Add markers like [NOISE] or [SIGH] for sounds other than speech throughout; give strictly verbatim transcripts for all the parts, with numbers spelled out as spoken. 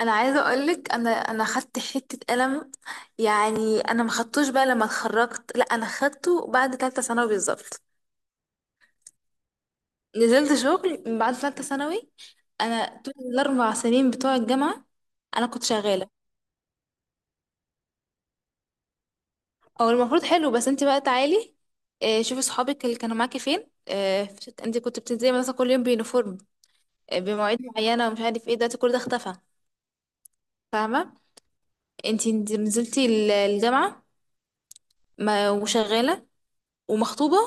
انا عايزه اقولك انا انا خدت حته قلم يعني انا ما خدتوش بقى لما اتخرجت لا انا خدته بعد ثالثه ثانوي بالظبط. نزلت شغل من بعد ثالثه ثانوي. انا طول الاربع سنين بتوع الجامعه انا كنت شغاله. او المفروض حلو بس انت بقى تعالي. آه، شوفي صحابك اللي كانوا معاكي فين، آه، فت- انت كنت بتنزلي مثلا كل يوم بيونيفورم، آه، بمواعيد معينه ومش عارف ايه. دلوقتي كل ده اختفى، فاهمه؟ انت نزلتي ال- الجامعه، ما وشغاله ومخطوبة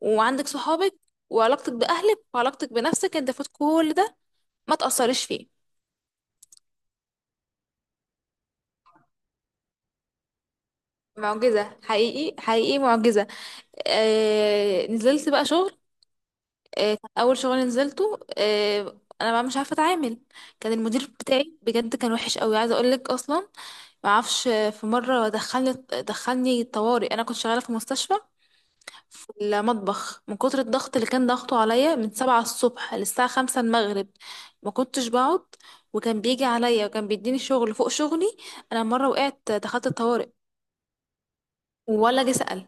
وعندك صحابك وعلاقتك بأهلك وعلاقتك بنفسك، انت فوت كل ده ما تأثرش فيه؟ معجزة، حقيقي حقيقي معجزة. آه نزلت بقى شغل. آه كان أول شغل نزلته، آه أنا بقى مش عارفة أتعامل. كان المدير بتاعي بجد كان وحش قوي، عايزة أقولك أصلا. معرفش، آه، في مرة دخلني دخلني طوارئ. أنا كنت شغالة في مستشفى في المطبخ، من كتر الضغط اللي كان ضغطه عليا من سبعة الصبح للساعة خمسة المغرب. ما كنتش بقعد، وكان بيجي عليا وكان بيديني شغل فوق شغلي. أنا مرة وقعت دخلت الطوارئ، ولا جه سأل.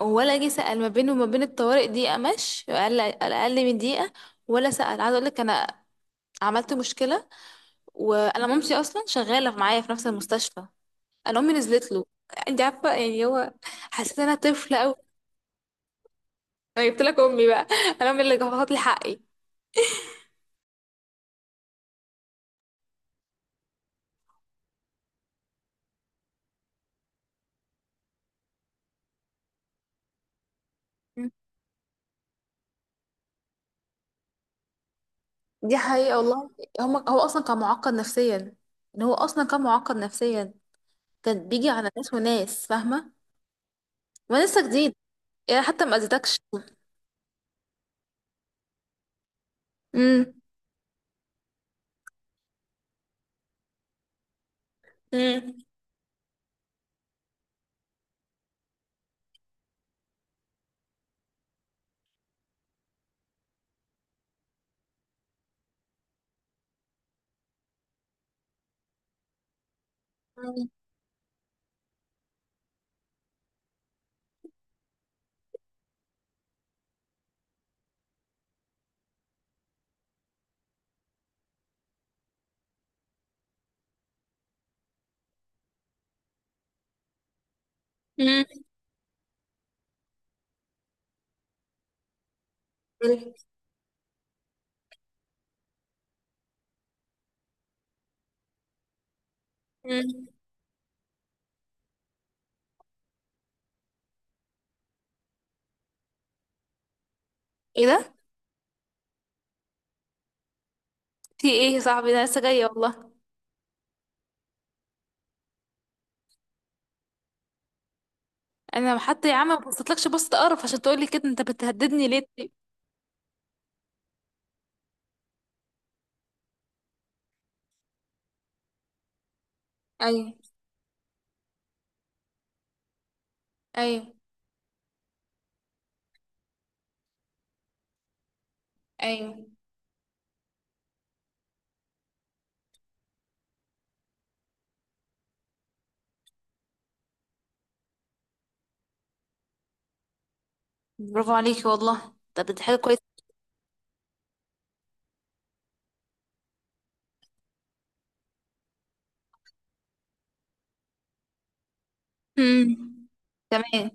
ولا جه سأل، ما بينه وما بين الطوارئ دقيقة، مش أقل، أقل من دقيقة. ولا سأل. عايزة أقول لك أنا عملت مشكلة. وأنا مامتي أصلا شغالة معايا في نفس المستشفى. أنا أمي نزلت له. أنت عارفة يعني هو؟ حسيت إن أنا طفلة أوي. أنا جبت لك أمي بقى. أنا أمي اللي جابت لي حقي. دي حقيقة والله. هما هو أصلا كان معقد نفسيا. إن هو أصلا كان معقد نفسيا. كان بيجي على ناس وناس فاهمة ما لسه جديد. يعني حتى ما أذيتكش. مم. مم. مم. مم. مم. ايه ده؟ في ايه يا صاحبي؟ ده أنا لسه جاية والله. أنا حتى يا عم ما بصيتلكش بصة قرف عشان تقولي كده، أنت بتهددني ليه طيب؟ أيوه، أيوه، أيوه. برافو عليكي والله، طب دي حاجة كويسة. مم. تمام.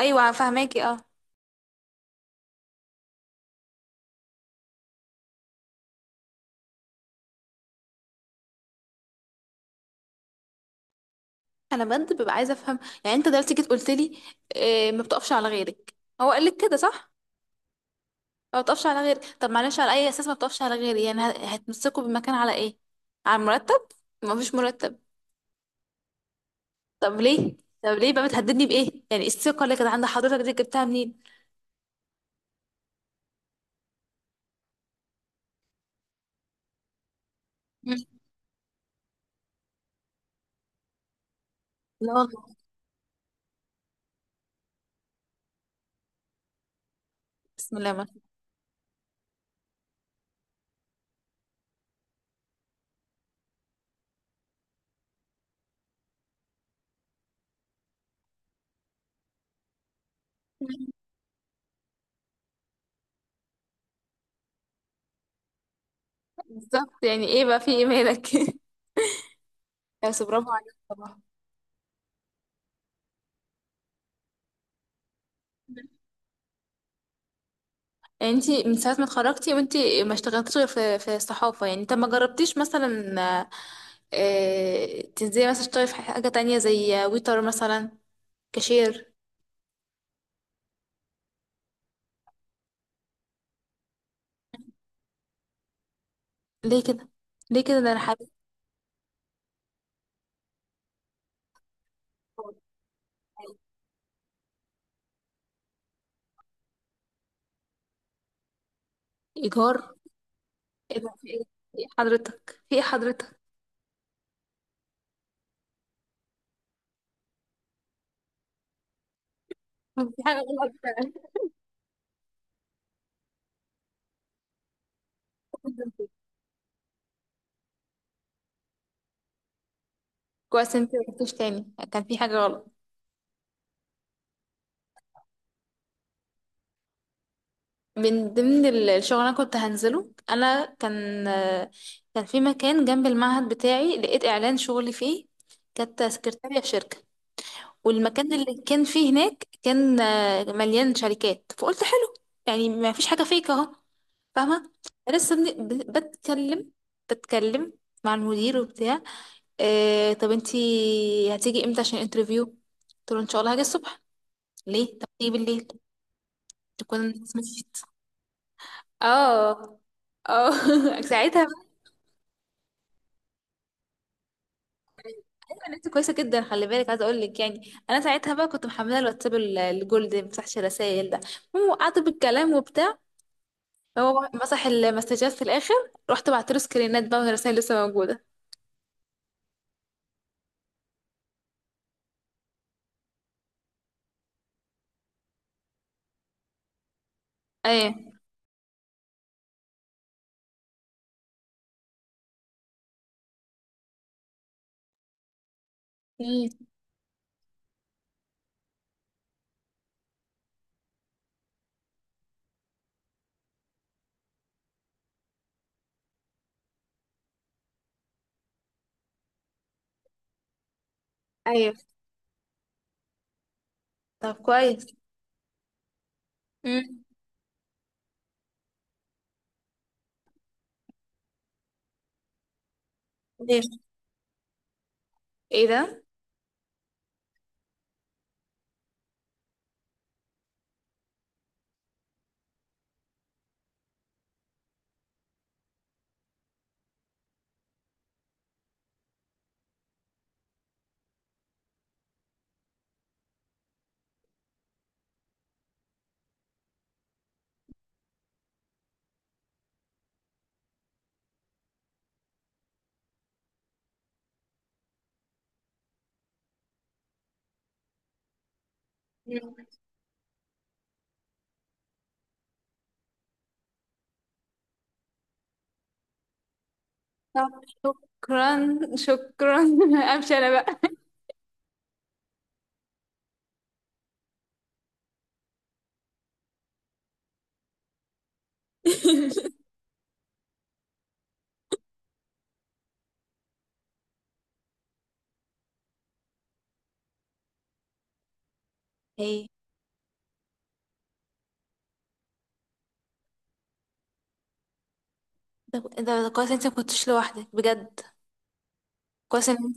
أيوه، فاهماكي، اه. انا بجد ببقى عايزه افهم. يعني انت دلوقتي جيت قلت لي إيه؟ ما بتقفش على غيرك. هو قال لك كده، صح؟ ما بتقفش على غيرك، طب معلش على اي اساس ما بتقفش على غيري؟ يعني هت- هتمسكوا بالمكان على ايه؟ على المرتب؟ ما فيش مرتب. طب ليه؟ طب ليه بقى بتهددني بايه؟ يعني الثقه اللي كانت عند حضرتك دي جبتها منين؟ مم. لا والله. بسم الله ما. [LAUGHS] بالظبط، يعني ايه بقى؟ في ايه مالك؟ [LAUGHS] بس برافو عليك طبعا. يعني انتي من ساعة ما اتخرجتي وانتي ما اشتغلتيش غير في في الصحافة؟ يعني طب ما جربتيش مثلا، آه، تنزلي مثلا تشتغلي في حاجة تانية زي ويتر مثلا، كاشير؟ ليه كده؟ ليه كده؟ ده انا حابة. ايجار؟ ايه ده؟ في ايه؟ في إيه حضرتك؟ في ايه حضرتك؟ [LAUGHS] في حاجة غلط فعلا. [LAUGHS] كويس انتي ما قلتيش تاني، كان في حاجة غلط. من ضمن ال- الشغل اللي انا كنت هنزله انا، كان كان في مكان جنب المعهد بتاعي لقيت اعلان شغلي فيه. كانت سكرتارية في شركة. والمكان اللي كان فيه هناك كان، آه، مليان شركات، فقلت حلو. يعني ما فيش حاجة فيك اهو، فاهمة؟ لسه بن- ب- بتكلم، بتكلم مع المدير وبتاع. آه طب انتي هتيجي امتى عشان انترفيو؟ قلت له ان شاء الله هاجي الصبح. ليه؟ طب تيجي بالليل تكون الناس مشيت. اه. اه. [LAUGHS] ساعتها بقى كانت كويسه جدا. خلي بالك، عايزه اقول لك، يعني انا ساعتها بقى كنت محمله الواتساب ال- الجولد اللي ما بيفتحش الرسايل ده. المهم وقعت بالكلام وبتاع. هو مسح المسجات في الاخر. رحت بعت له سكرينات بقى، والرسايل لسه موجوده. ايوه. امم. ايوه. طب كويس. امم. ايه. ايه ده؟ مم. طب شكرا شكرا، [LAUGHS] امشي انا بقى. [LAUGHS] ايه ده؟ ده ده كويس انت ما كنتش لوحدك بجد. كويس ان انت.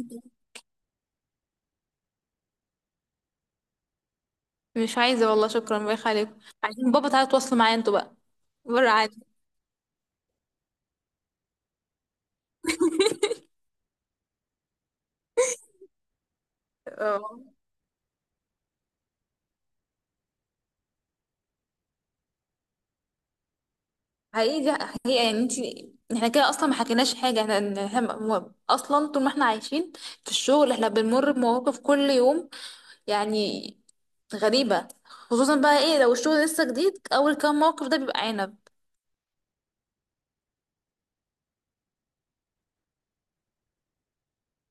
مش عايزة والله، شكرا، بايخ عليكم. عايزين بابا، تعالى تواصلوا معايا انتوا بقى، بره عادي. اه. حقيقي دي حقيقة. يعني انتي، احنا كده اصلا ما حكيناش حاجة. احنا احنا م- اصلا طول ما احنا عايشين في الشغل احنا بنمر بمواقف كل يوم، يعني غريبة. خصوصا بقى ايه لو الشغل لسه جديد، اول كام موقف ده بيبقى عنب.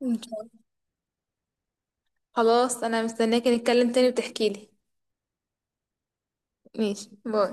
إن شاء الله. خلاص، انا مستنياكي نتكلم تاني وتحكيلي. ماشي، باي.